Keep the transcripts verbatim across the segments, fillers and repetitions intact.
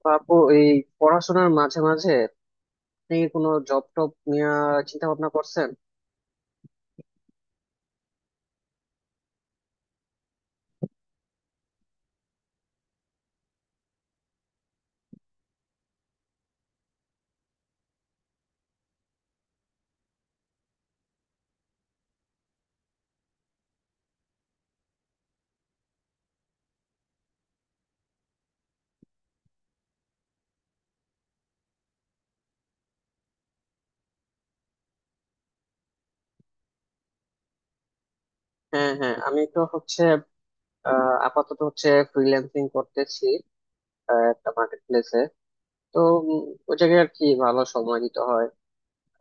তো আপু এই পড়াশোনার মাঝে মাঝে আপনি কোনো জব টব নিয়ে চিন্তা ভাবনা করছেন? হ্যাঁ হ্যাঁ, আমি তো হচ্ছে আহ, আপাতত হচ্ছে ফ্রিল্যান্সিং করতেছি। আহ, একটা মার্কেট প্লেসে। তো উম, ওই জায়গায় আর কি ভালো সময় দিতে হয়।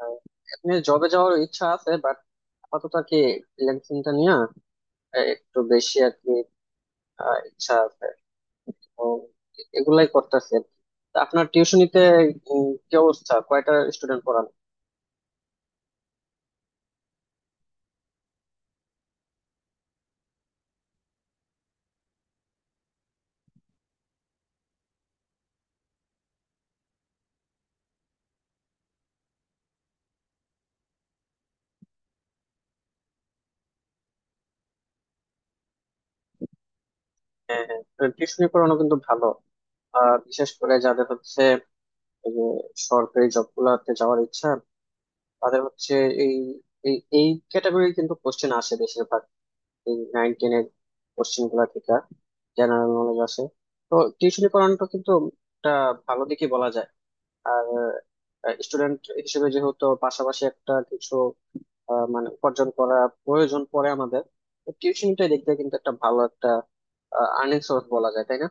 আহ, এমনি জবে যাওয়ার ইচ্ছা আছে বাট আপাতত আর কি ফ্রিল্যান্সিংটা নিয়ে আহ, একটু বেশি আর কি আহ, ইচ্ছা আছে। তো এগুলাই করতেছি আর কি। তা আপনার টিউশনিতে কি অবস্থা? কয়টা স্টুডেন্ট পড়ান? হ্যাঁ হ্যাঁ, টিউশনি পড়ানো কিন্তু ভালো। আহ বিশেষ করে যাদের হচ্ছে এই যে সরকারি জব গুলাতে যাওয়ার ইচ্ছা, তাদের হচ্ছে এই এই এই ক্যাটাগরির কিন্তু কোশ্চেন আসে বেশিরভাগ। এই নাইন টেনের কোশ্চেন গুলা থেকে জেনারেল নলেজ আসে। তো টিউশনি পড়ানোটা কিন্তু একটা ভালো দিকই বলা যায়। আর স্টুডেন্ট হিসেবে যেহেতু পাশাপাশি একটা কিছু আহ, মানে উপার্জন করা প্রয়োজন পড়ে আমাদের, টিউশনটাই দেখতে কিন্তু একটা ভালো একটা আর্নিং সোর্স বলা যায় তাই না?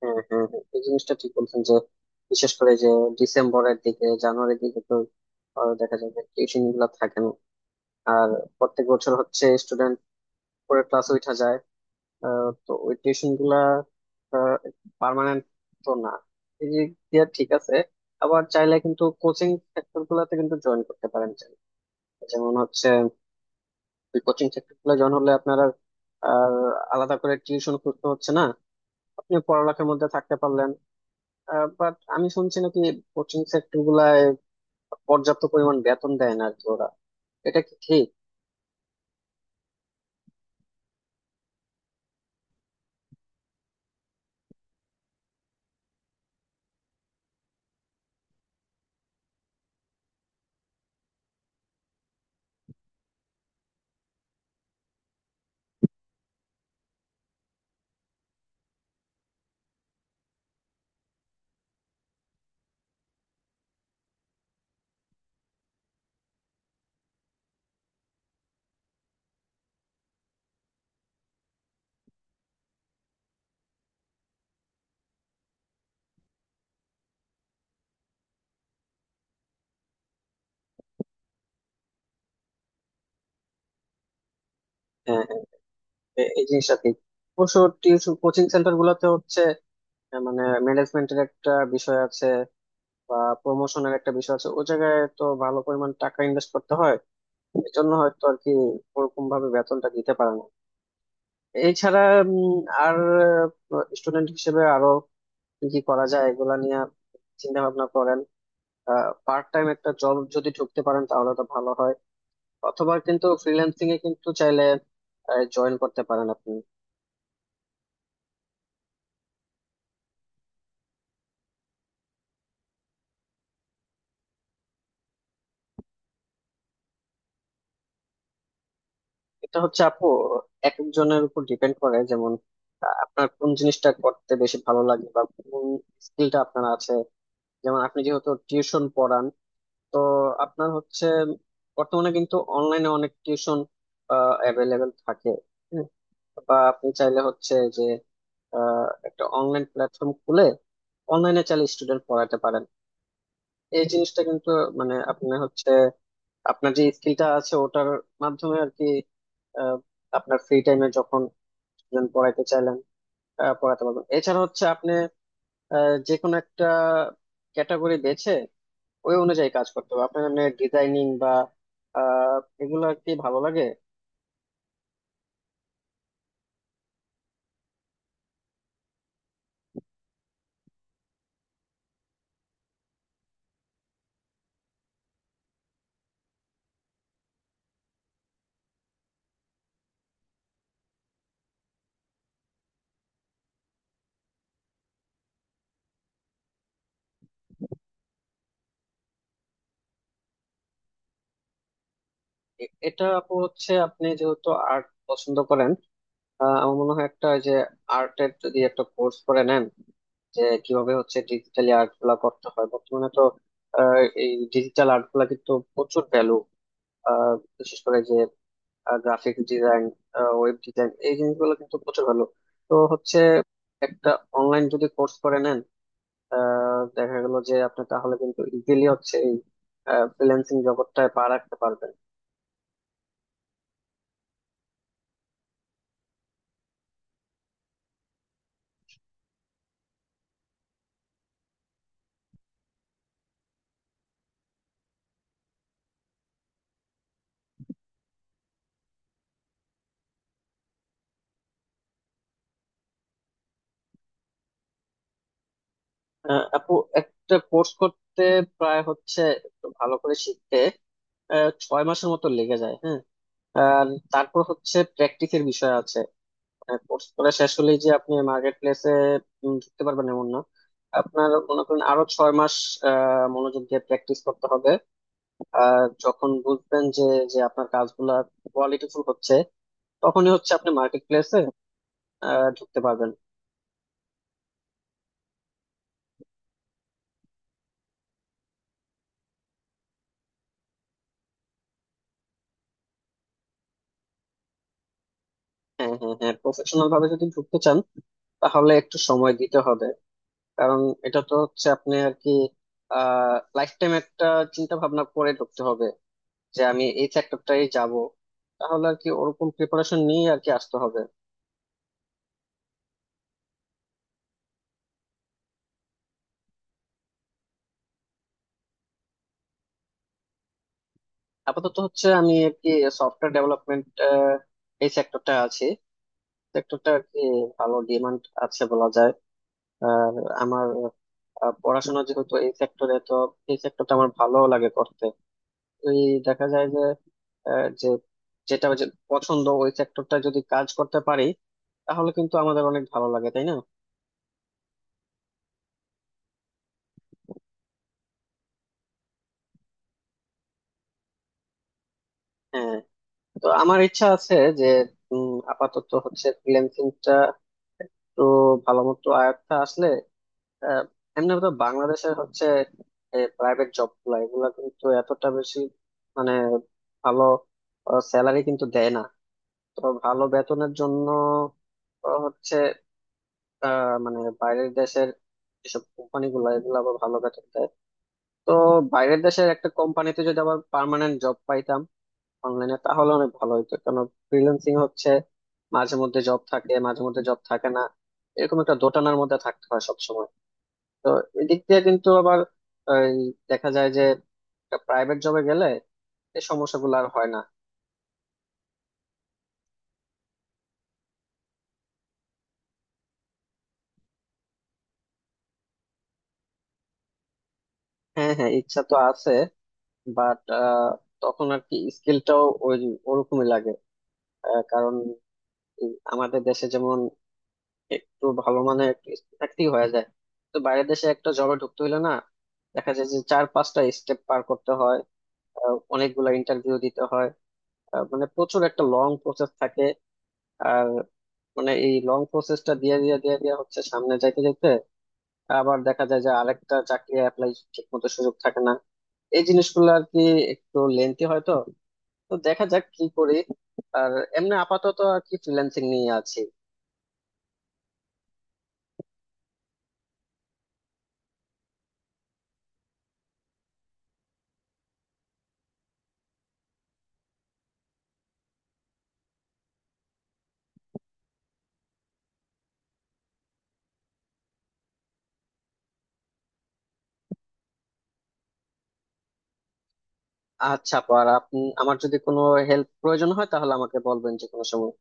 হ্যাঁ হ্যাঁ হ্যাঁ, এই জিনিসটা ঠিক বলছেন যে বিশেষ করে যে ডিসেম্বরের দিকে জানুয়ারির দিকে তো আহ, দেখা যায় যে টিউশন গুলা থাকে না। আর প্রত্যেক বছর হচ্ছে স্টুডেন্ট পরে ক্লাস উঠা যায়। আহ, তো ওই টিউশন গুলা পার্মানেন্ট তো না। এই দিক দিয়ে ঠিক আছে। আবার চাইলে কিন্তু কোচিং সেক্টর গুলাতে কিন্তু জয়েন করতে পারেন চাইলে। যেমন হচ্ছে কোচিং সেক্টর গুলো জয়েন হলে আপনারা আর আর আলাদা করে টিউশন করতে হচ্ছে না, আপনি পড়ালেখার মধ্যে থাকতে পারলেন। বাট আমি শুনছি নাকি কোচিং সেক্টর গুলায় পর্যাপ্ত পরিমাণ বেতন দেয় না আর কি ওরা। এটা কি ঠিক? হ্যাঁ হ্যাঁ, এ- এই জিনিসটা ঠিক। অবশ্য টিউশন কোচিং সেন্টার গুলোতে হচ্ছে আহ, মানে ম্যানেজমেন্টের একটা বিষয় আছে বা প্রমোশনের একটা বিষয় আছে। ওই জায়গায় তো ভালো পরিমাণ টাকা ইনভেস্ট করতে হয়। এই জন্য হয়তো আর কি ওরকম ভাবে বেতনটা দিতে পারে না। এছাড়া উম, আর স্টুডেন্ট হিসেবে আরো কি কি করা যায় এগুলা নিয়ে চিন্তা ভাবনা করেন। পার্ট টাইম একটা জব যদি ঢুকতে পারেন তাহলে তো ভালো হয়, অথবা কিন্তু ফ্রিল্যান্সিং এ কিন্তু চাইলে জয়েন করতে পারেন আপনি। এটা হচ্ছে আপু এক একজনের উপর ডিপেন্ড করে। যেমন আহ, আপনার কোন জিনিসটা করতে বেশি ভালো লাগে বা কোন স্কিলটা আপনার আছে। যেমন আপনি যেহেতু টিউশন পড়ান, তো আপনার হচ্ছে বর্তমানে কিন্তু অনলাইনে অনেক টিউশন অ্যাভেলেবেল থাকে। হুম। বা আপনি চাইলে হচ্ছে যে আহ, একটা অনলাইন প্ল্যাটফর্ম খুলে অনলাইনে চাইলে স্টুডেন্ট পড়াতে, এই জিনিসটা কিন্তু মানে আপনি হচ্ছে আপনার যে স্কিলটা আছে ওটার মাধ্যমে আর কি আহ, আপনার ফ্রি টাইমে যখন student পড়াইতে চাইলেন, আহ, পড়াতে পারবেন। এছাড়া হচ্ছে আপনি আহ, যে কোনো একটা ক্যাটাগরি বেছে ওই অনুযায়ী কাজ করতে হবে আপনার, মানে ডিজাইনিং বা আহ, এগুলো আর কি ভালো লাগে। এ- এটা আপু হচ্ছে আপনি যেহেতু আর্ট পছন্দ করেন, আহ, আমার মনে হয় একটা ওই যে আর্টের যদি একটা কোর্স করে নেন, যে কিভাবে হচ্ছে ডিজিটালি আর্ট গুলা করতে হয় বর্তমানে তো। আহ, এই ডিজিটাল আর্ট গুলা কিন্তু প্রচুর ভ্যালু। বিশেষ করে যে গ্রাফিক ডিজাইন, ওয়েব ডিজাইন, এই জিনিসগুলো কিন্তু প্রচুর ভ্যালু। তো হচ্ছে একটা অনলাইন যদি কোর্স করে নেন আহ, দেখা গেল যে আপনি তাহলে কিন্তু ইজিলি হচ্ছে এই ফ্রিল্যান্সিং জগৎটায় পা রাখতে পারবেন। আহ, আপু একটা কোর্স করতে প্রায় হচ্ছে একটু ভালো করে শিখতে আহ, ছয় মাসের মতো লেগে যায়, হ্যাঁ। আর তারপর হচ্ছে প্র্যাকটিসের বিষয় আছে। কোর্স করা শেষ হলেই যে আপনি মার্কেট প্লেসে ঢুকতে পারবেন এমন না। আপনার মনে করেন আরো ছয় মাস আহ, মনোযোগ দিয়ে প্র্যাকটিস করতে হবে। আর যখন বুঝবেন যে যে আপনার কাজগুলা কোয়ালিটিফুল হচ্ছে, তখনই হচ্ছে আপনি মার্কেট প্লেসে ঢুকতে পারবেন। হ্যাঁ হ্যাঁ হ্যাঁ, প্রফেশনাল ভাবে যদি ঢুকতে চান তাহলে একটু সময় দিতে হবে। কারণ এটা তো হচ্ছে আপনি আর কি আহ লাইফ টাইম একটা চিন্তা ভাবনা করে ঢুকতে হবে যে আমি এই সেক্টরটাই যাব। তাহলে আর কি ওরকম প্রিপারেশন নিয়ে আর কি আসতে হবে। আপাতত হচ্ছে আমি আর কি সফটওয়্যার ডেভেলপমেন্ট এই সেক্টরটা আছি। সেক্টরটা আর কি ভালো ডিমান্ড আছে বলা যায়। আর আমার আহ, পড়াশোনা যেহেতু এই সেক্টরে, তো এই সেক্টরটা আমার ভালো লাগে করতে। ওই দেখা যায় যে আহ, যে যেটা যে পছন্দ ওই সেক্টরটা যদি কাজ করতে পারি তাহলে কিন্তু আমাদের অনেক ভালো লাগে তাই না? হ্যাঁ। তো আমার ইচ্ছা আছে যে উম, আপাতত হচ্ছে ফ্রিল্যান্সিংটা একটু ভালো মতো আয়ত্তে আসলে আহ, এমনি তো বাংলাদেশের হচ্ছে প্রাইভেট জব গুলা এগুলা কিন্তু এতটা বেশি মানে ভালো স্যালারি কিন্তু দেয় না। তো ভালো বেতনের জন্য আহ, হচ্ছে আহ, মানে বাইরের দেশের যেসব কোম্পানি গুলা এগুলো আবার ভালো বেতন দেয়। তো বাইরের দেশের একটা কোম্পানিতে যদি আবার পার্মানেন্ট জব পাইতাম অনলাইনে তাহলে অনেক ভালো হতো। কেন? ফ্রিল্যান্সিং হচ্ছে মাঝে মধ্যে জব থাকে মাঝে মধ্যে জব থাকে না, এরকম একটা দোটানার মধ্যে থাকতে হয় সবসময়। তো এদিক দিয়ে কিন্তু আবার এই দেখা যায় যে প্রাইভেট জবে গেলে এই সমস্যাগুলো আর হয় না। হ্যাঁ হ্যাঁ, ইচ্ছা তো আছে বাট তখন আর কি স্কিলটাও ওই ওরকমই লাগে। আহ, কারণ এই আমাদের দেশে যেমন একটু ভালো মানের একটু skill থাকতেই হয়ে যায়। তো বাইরের দেশে একটা জবে ঢুকতে হইলে না দেখা যায় যে চার পাঁচটা স্টেপ পার করতে হয়। আহ, অনেকগুলা ইন্টারভিউ দিতে হয়। আহ, মানে প্রচুর একটা লং প্রসেস থাকে। আর মানে এই লং প্রসেসটা দিয়ে দিয়ে দিয়ে দিয়ে হচ্ছে সামনে যাইতে যাইতে আবার দেখা যায় যে আরেকটা চাকরি অ্যাপ্লাই ঠিক মতো সুযোগ থাকে না। এই জিনিসগুলো আর কি একটু লেন্থি হয় তো। তো দেখা যাক কি করি। আর এমনি আপাতত আর কি ফ্রিল্যান্সিং নিয়ে আছি। আচ্ছা পর আপনি আমার যদি কোনো হেল্প প্রয়োজন হয় তাহলে আমাকে বলবেন যে কোনো সময়।